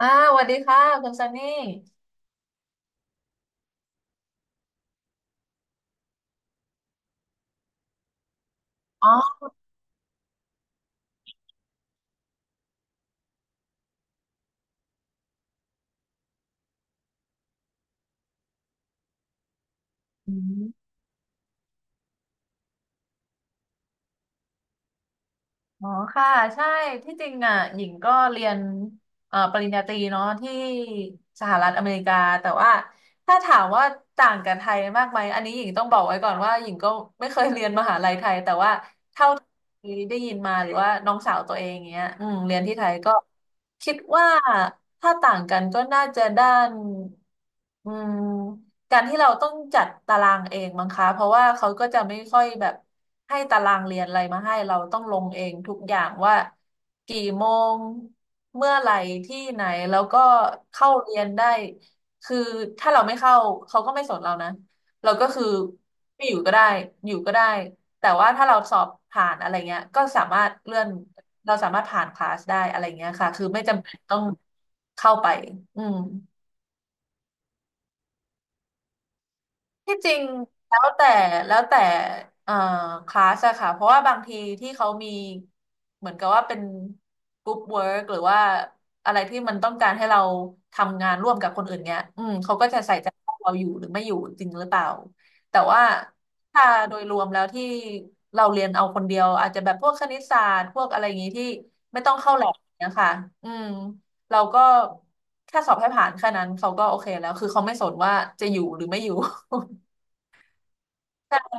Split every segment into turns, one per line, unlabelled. อ่าสวัสดีค่ะคุณซันนี่อ๋ออืมอ๋อค่ะใช่ที่จริงอ่ะหญิงก็เรียนปริญญาตรีเนาะที่สหรัฐอเมริกาแต่ว่าถ้าถามว่าต่างกับไทยมากไหมอันนี้หญิงต้องบอกไว้ก่อนว่าหญิงก็ไม่เคยเรียนมหาลัยไทยแต่ว่าเท่าที่ได้ยินมาหรือว่าน้องสาวตัวเองเงี้ยเรียนที่ไทยก็คิดว่าถ้าต่างกันก็น่าจะด้านอืม การที่เราต้องจัดตารางเองมั้งคะเพราะว่าเขาก็จะไม่ค่อยแบบให้ตารางเรียนอะไรมาให้เราต้องลงเองทุกอย่างว่ากี่โมงเมื่อไหร่ที่ไหนแล้วก็เข้าเรียนได้คือถ้าเราไม่เข้าเขาก็ไม่สนเรานะเราก็คือไม่อยู่ก็ได้อยู่ก็ได้แต่ว่าถ้าเราสอบผ่านอะไรเงี้ยก็สามารถเลื่อนเราสามารถผ่านคลาสได้อะไรเงี้ยค่ะคือไม่จำเป็นต้องเข้าไปอืม ที่จริงแล้วแต่แล้วแต่เอ่อคลาสอะค่ะเพราะว่าบางทีที่เขามีเหมือนกับว่าเป็นกรุ๊ปเวิร์กหรือว่าอะไรที่มันต้องการให้เราทำงานร่วมกับคนอื่นเงี้ยเขาก็จะใส่ใจว่าเราอยู่หรือไม่อยู่จริงหรือเปล่าแต่ว่าถ้าโดยรวมแล้วที่เราเรียนเอาคนเดียวอาจจะแบบพวกคณิตศาสตร์พวกอะไรอย่างนี้ที่ไม่ต้องเข้าแลบเนี่ยค่ะอืมเราก็แค่สอบให้ผ่านแค่นั้นเขาก็โอเคแล้วคือเขาไม่สนว่าจะอยู่หรือไม่อยู่ ใช่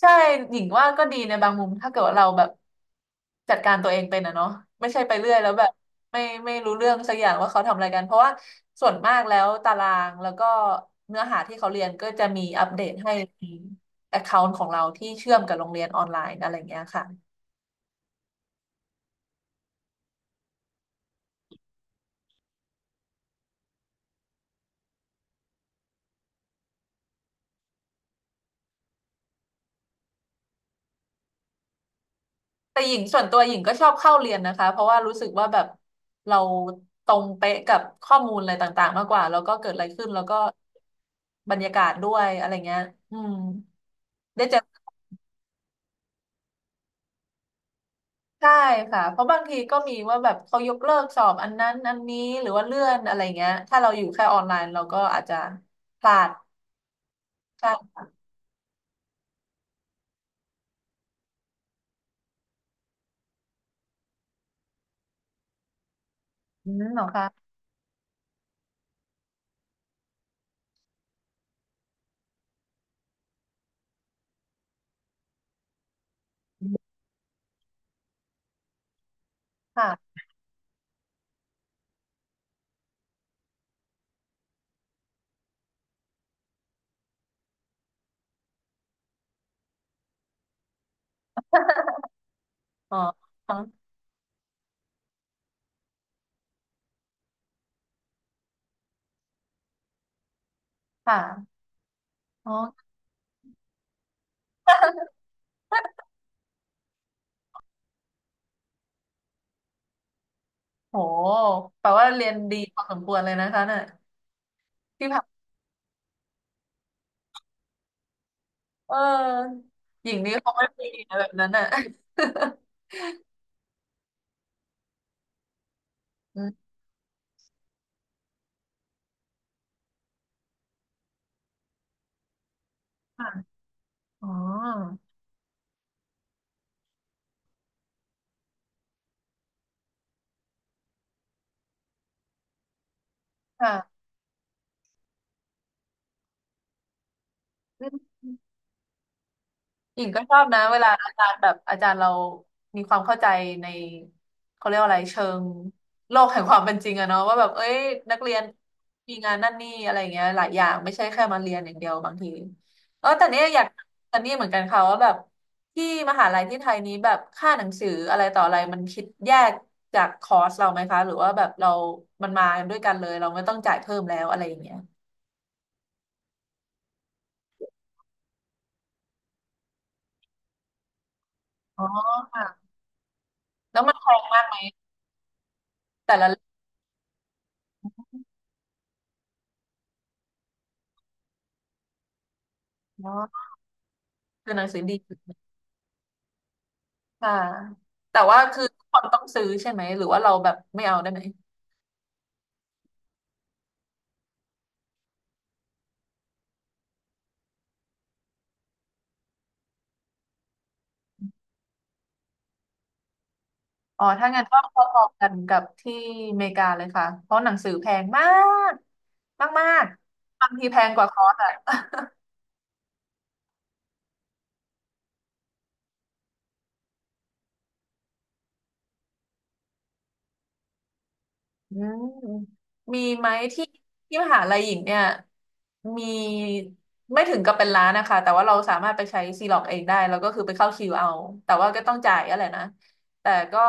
ใช่หญิงว่าก็ดีในบางมุม ถ้าเกิดว่าเราแบบจัดการตัวเองเป็นอะเนาะไม่ใช่ไปเรื่อยแล้วแบบไม่ไม่รู้เรื่องสักอย่างว่าเขาทำอะไรกันเพราะว่าส่วนมากแล้วตารางแล้วก็เนื้อหาที่เขาเรียนก็จะมีอัปเดตให้ในแอคเคาท์ของเราที่เชื่อมกับโรงเรียนออนไลน์อะไรเงี้ยค่ะ แต่หญิงส่วนตัวหญิงก็ชอบเข้าเรียนนะคะเพราะว่ารู้สึกว่าแบบเราตรงเป๊ะกับข้อมูลอะไรต่างๆมากกว่าแล้วก็เกิดอะไรขึ้นแล้วก็บรรยากาศด้วยอะไรเงี้ยอืมได้เจอใช่ค่ะเพราะบางทีก็มีว่าแบบเขายกเลิกสอบอันนั้นอันนี้หรือว่าเลื่อนอะไรเงี้ยถ้าเราอยู่แค่ออนไลน์เราก็อาจจะพลาดใช่อืมเหรอคะค่ะอ๋ออ๋อค่ะอ๋อโหแปลว่าเรียนดีพอสมควรเลยนะคะเนี่ยที่ผ่าน เออหญิงนี้เขาไม่มีนะแบบนั้นอ่ะ อืมค่ะอ๋อค่ะ หญิงก็ชอบนะเวลาอาจารย์แบบอาจารย์เรามีความเข้าใจในเขาเรียกว่าอะไรเชิงโลกแห่งความเป็นจริงอะเนาะว่าแบบเอ้ยนักเรียนมีงานนั่นนี่อะไรอย่างเงี้ยหลายอย่างไม่ใช่แค่มาเรียนอย่างเดียวบางทีเออแต่เนี้ยอยากแต่เนี้ยเหมือนกันค่ะว่าแบบที่มหาลัยที่ไทยนี้แบบค่าหนังสืออะไรต่ออะไรมันคิดแยกจากคอร์สเราไหมคะหรือว่าแบบเรามันมากันด้วยกันเลยเราไม่ต้องจ่ายเพิ่มแล้วอะไรอย่างเงี้ยอ๋อค่ะแล้วมันแพงมากไหมแต่ละเล่มเนาะคือหนังสือดี ค่ะแต่ว่าคือทุกคนต้องซื้อใช่ไหมหรือว่าเราแบบไม่เอาได้ไหมอ๋อถ้างั้นก็พอๆกันกับที่อเมริกาเลยค่ะเพราะหนังสือแพงมากมากๆบางทีแพงกว่าคอร์สอะ อืมมีไหมที่ที่มหาลัยหญิงเนี่ยมีไม่ถึงกับเป็นร้านนะคะแต่ว่าเราสามารถไปใช้ซีล็อกเองได้แล้วก็คือไปเข้าคิวเอาแต่ว่าก็ต้องจ่ายอะไรนะแต่ก็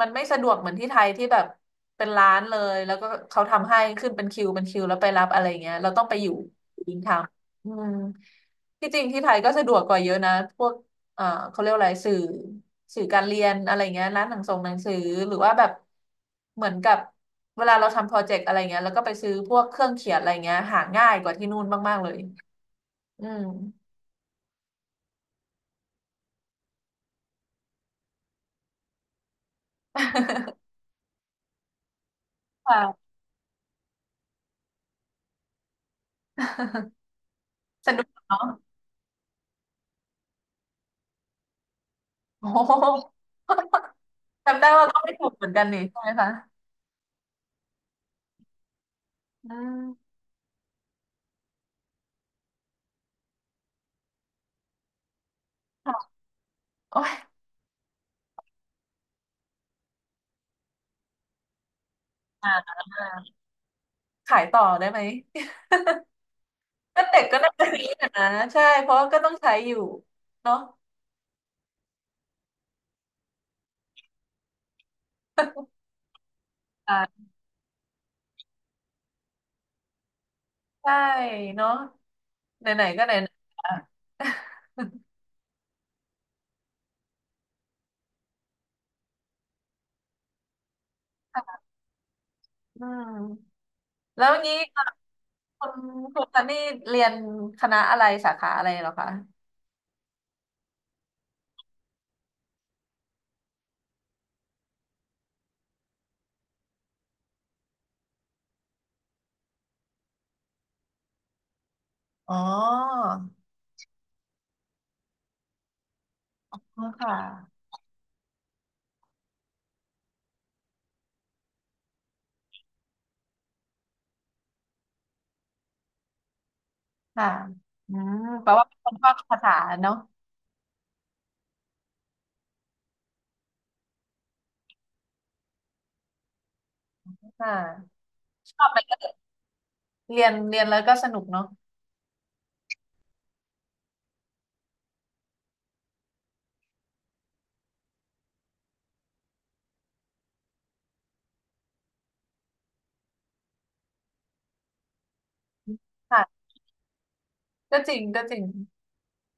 มันไม่สะดวกเหมือนที่ไทยที่แบบเป็นร้านเลยแล้วก็เขาทำให้ขึ้นเป็นคิวเป็นคิวแล้วไปรับอะไรเงี้ยเราต้องไปอยู่ยิงทำอืมที่จริงที่ไทยก็สะดวกกว่าเยอะนะพวก เอ่อเขาเรียกวอะไรสื่อสื่อการเรียนอะไรเงี้ยร้านหนังส่งหนังสือหรือว่าแบบเหมือนกับเวลาเราทำโปรเจกต์อะไรเงี้ยแล้วก็ไปซื้อพวกเครื่องเขียนอะไรเงี้ยหาง่ายกว่าที่นู่นมากๆเลยอืม ค่ะ สนุกเนาะ โอ้โหจำได้ว่าก็ไม่ถูกเหมือนกันนี่ใช่ไหมคะอืมค่ะโอ้ยอ่าขายต่อได้ไหมก็เด็กก็น่าจะมีนะใช่เพราะว่าก็ต้องใช้อยู่เนาะอ่าใช่เนาะ ไหนๆก็ไหนๆอ่ะ อืมแล้วนี้คุณคุณซันนี่เรียนคณะอะไรสาขาอะไรเหรอคะอ๋อค่ะค่ะอืมแปลว่าเป็นคนชอบภาษาเนาะค่ะชอบมันก็เรียนแล้วก็สนุกเนาะค่ะก็จริง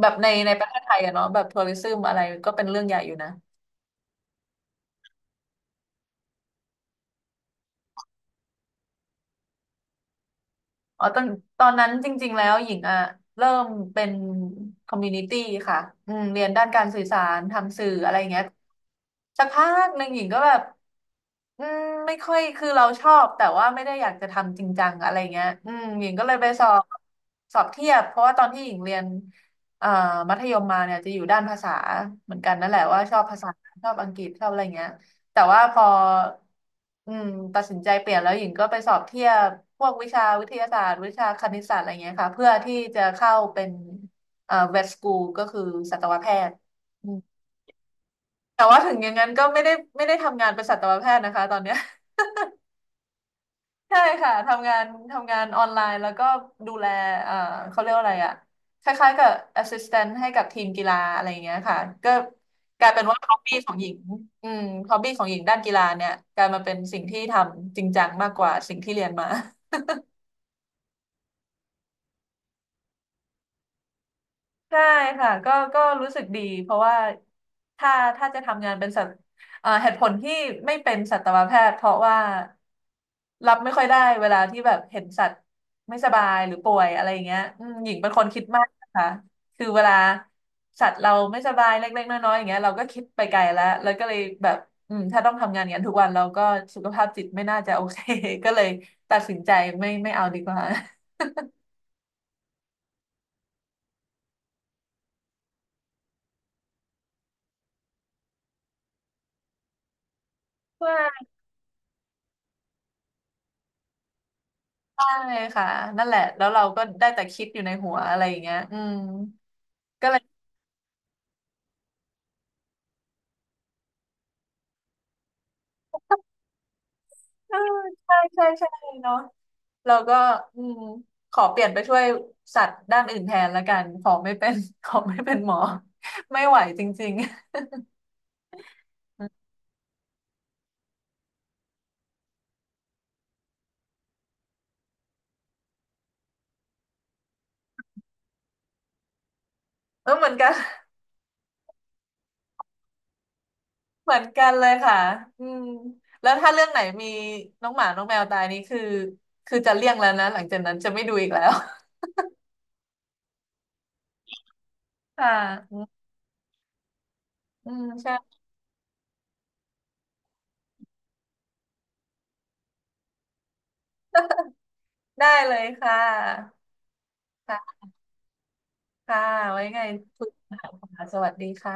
แบบในประเทศไทยอะเนาะแบบทัวริซึมอะไรก็เป็นเรื่องใหญ่อยู่นะ อ๋อตอนนั้นจริงๆแล้วหญิงอ่ะเริ่มเป็นคอมมูนิตี้ค่ะอืมเรียนด้านการสื่อสารทำสื่ออะไรอย่างเงี้ย สักพักหนึ่งหญิงก็แบบอืมไม่ค่อยคือเราชอบแต่ว่าไม่ได้อยากจะทำจริงจังอะไรเงี้ยอืมหญิงก็เลยไปสอบสอบเทียบเพราะว่าตอนที่หญิงเรียนเอ่อมัธยมมาเนี่ยจะอยู่ด้านภาษาเหมือนกันนั่นแหละว่าชอบภาษาชอบอังกฤษชอบอะไรเงี้ยแต่ว่าพออืมตัดสินใจเปลี่ยนแล้วหญิงก็ไปสอบเทียบพวกวิชาวิทยาศาสตร์วิชาคณิตศาสตร์อะไรเงี้ยค่ะเพื่อที่จะเข้าเป็นเวชสกูลก็คือสัตวแพทย์ แต่ว่าถึงอย่างนั้นก็ไม่ได้ทำงานเป็นสัตวแพทย์นะคะตอนเนี้ย ใช่ค่ะทำงานออนไลน์แล้วก็ดูแลเอ่อเขาเรียกว่าอะไรอะคล้ายๆกับ assistant ให้กับทีมกีฬาอะไรอย่างเงี้ยค่ะก็กลายเป็นว่า hobby ของหญิงอืม hobby ของหญิงด้านกีฬาเนี่ยกลายมาเป็นสิ่งที่ทำจริงจังมากกว่าสิ่งที่เรียนมา ใช่ค่ะก็ก็รู้สึกดีเพราะว่าถ้าถ้าจะทำงานเป็นสัตว์เหตุผลที่ไม่เป็นสัตวแพทย์เพราะว่ารับไม่ค่อยได้เวลาที่แบบเห็นสัตว์ไม่สบายหรือป่วยอะไรอย่างเงี้ยอืมหญิงเป็นคนคิดมากนะคะคือเวลาสัตว์เราไม่สบายเล็กๆน้อยๆอย่างเงี้ยเราก็คิดไปไกลแล้วแล้วก็เลยแบบอืมถ้าต้องทำงานอย่างนั้นทุกวันเราก็สุขภาพจิตไม่น่าจะโอเค ก็เลยตัดสินใจไม่เอาดีกว่าว่า ใช่ค่ะนั่นแหละแล้วเราก็ได้แต่คิดอยู่ในหัวอะไรอย่างเงี้ยอืมก็เลยเออใช่เนาะเราก็อืมขอเปลี่ยนไปช่วยสัตว์ด้านอื่นแทนละกันขอไม่เป็น ขอไม่เป็นหมอไม่ไหวจริงๆ เออเหมือนกันเหมือนกันเลยค่ะอืมแล้วถ้าเรื่องไหนมีน้องหมาน้องแมวตายนี่คือจะเลี่ยงแล้วนะหลังจากนั้นจะไม่ดูอีกแล้ว ค่ะอืมใช่ได้เลยค่ะค่ะ ค่ะไว้ไงคุยกันค่ะสวัสดีค่ะ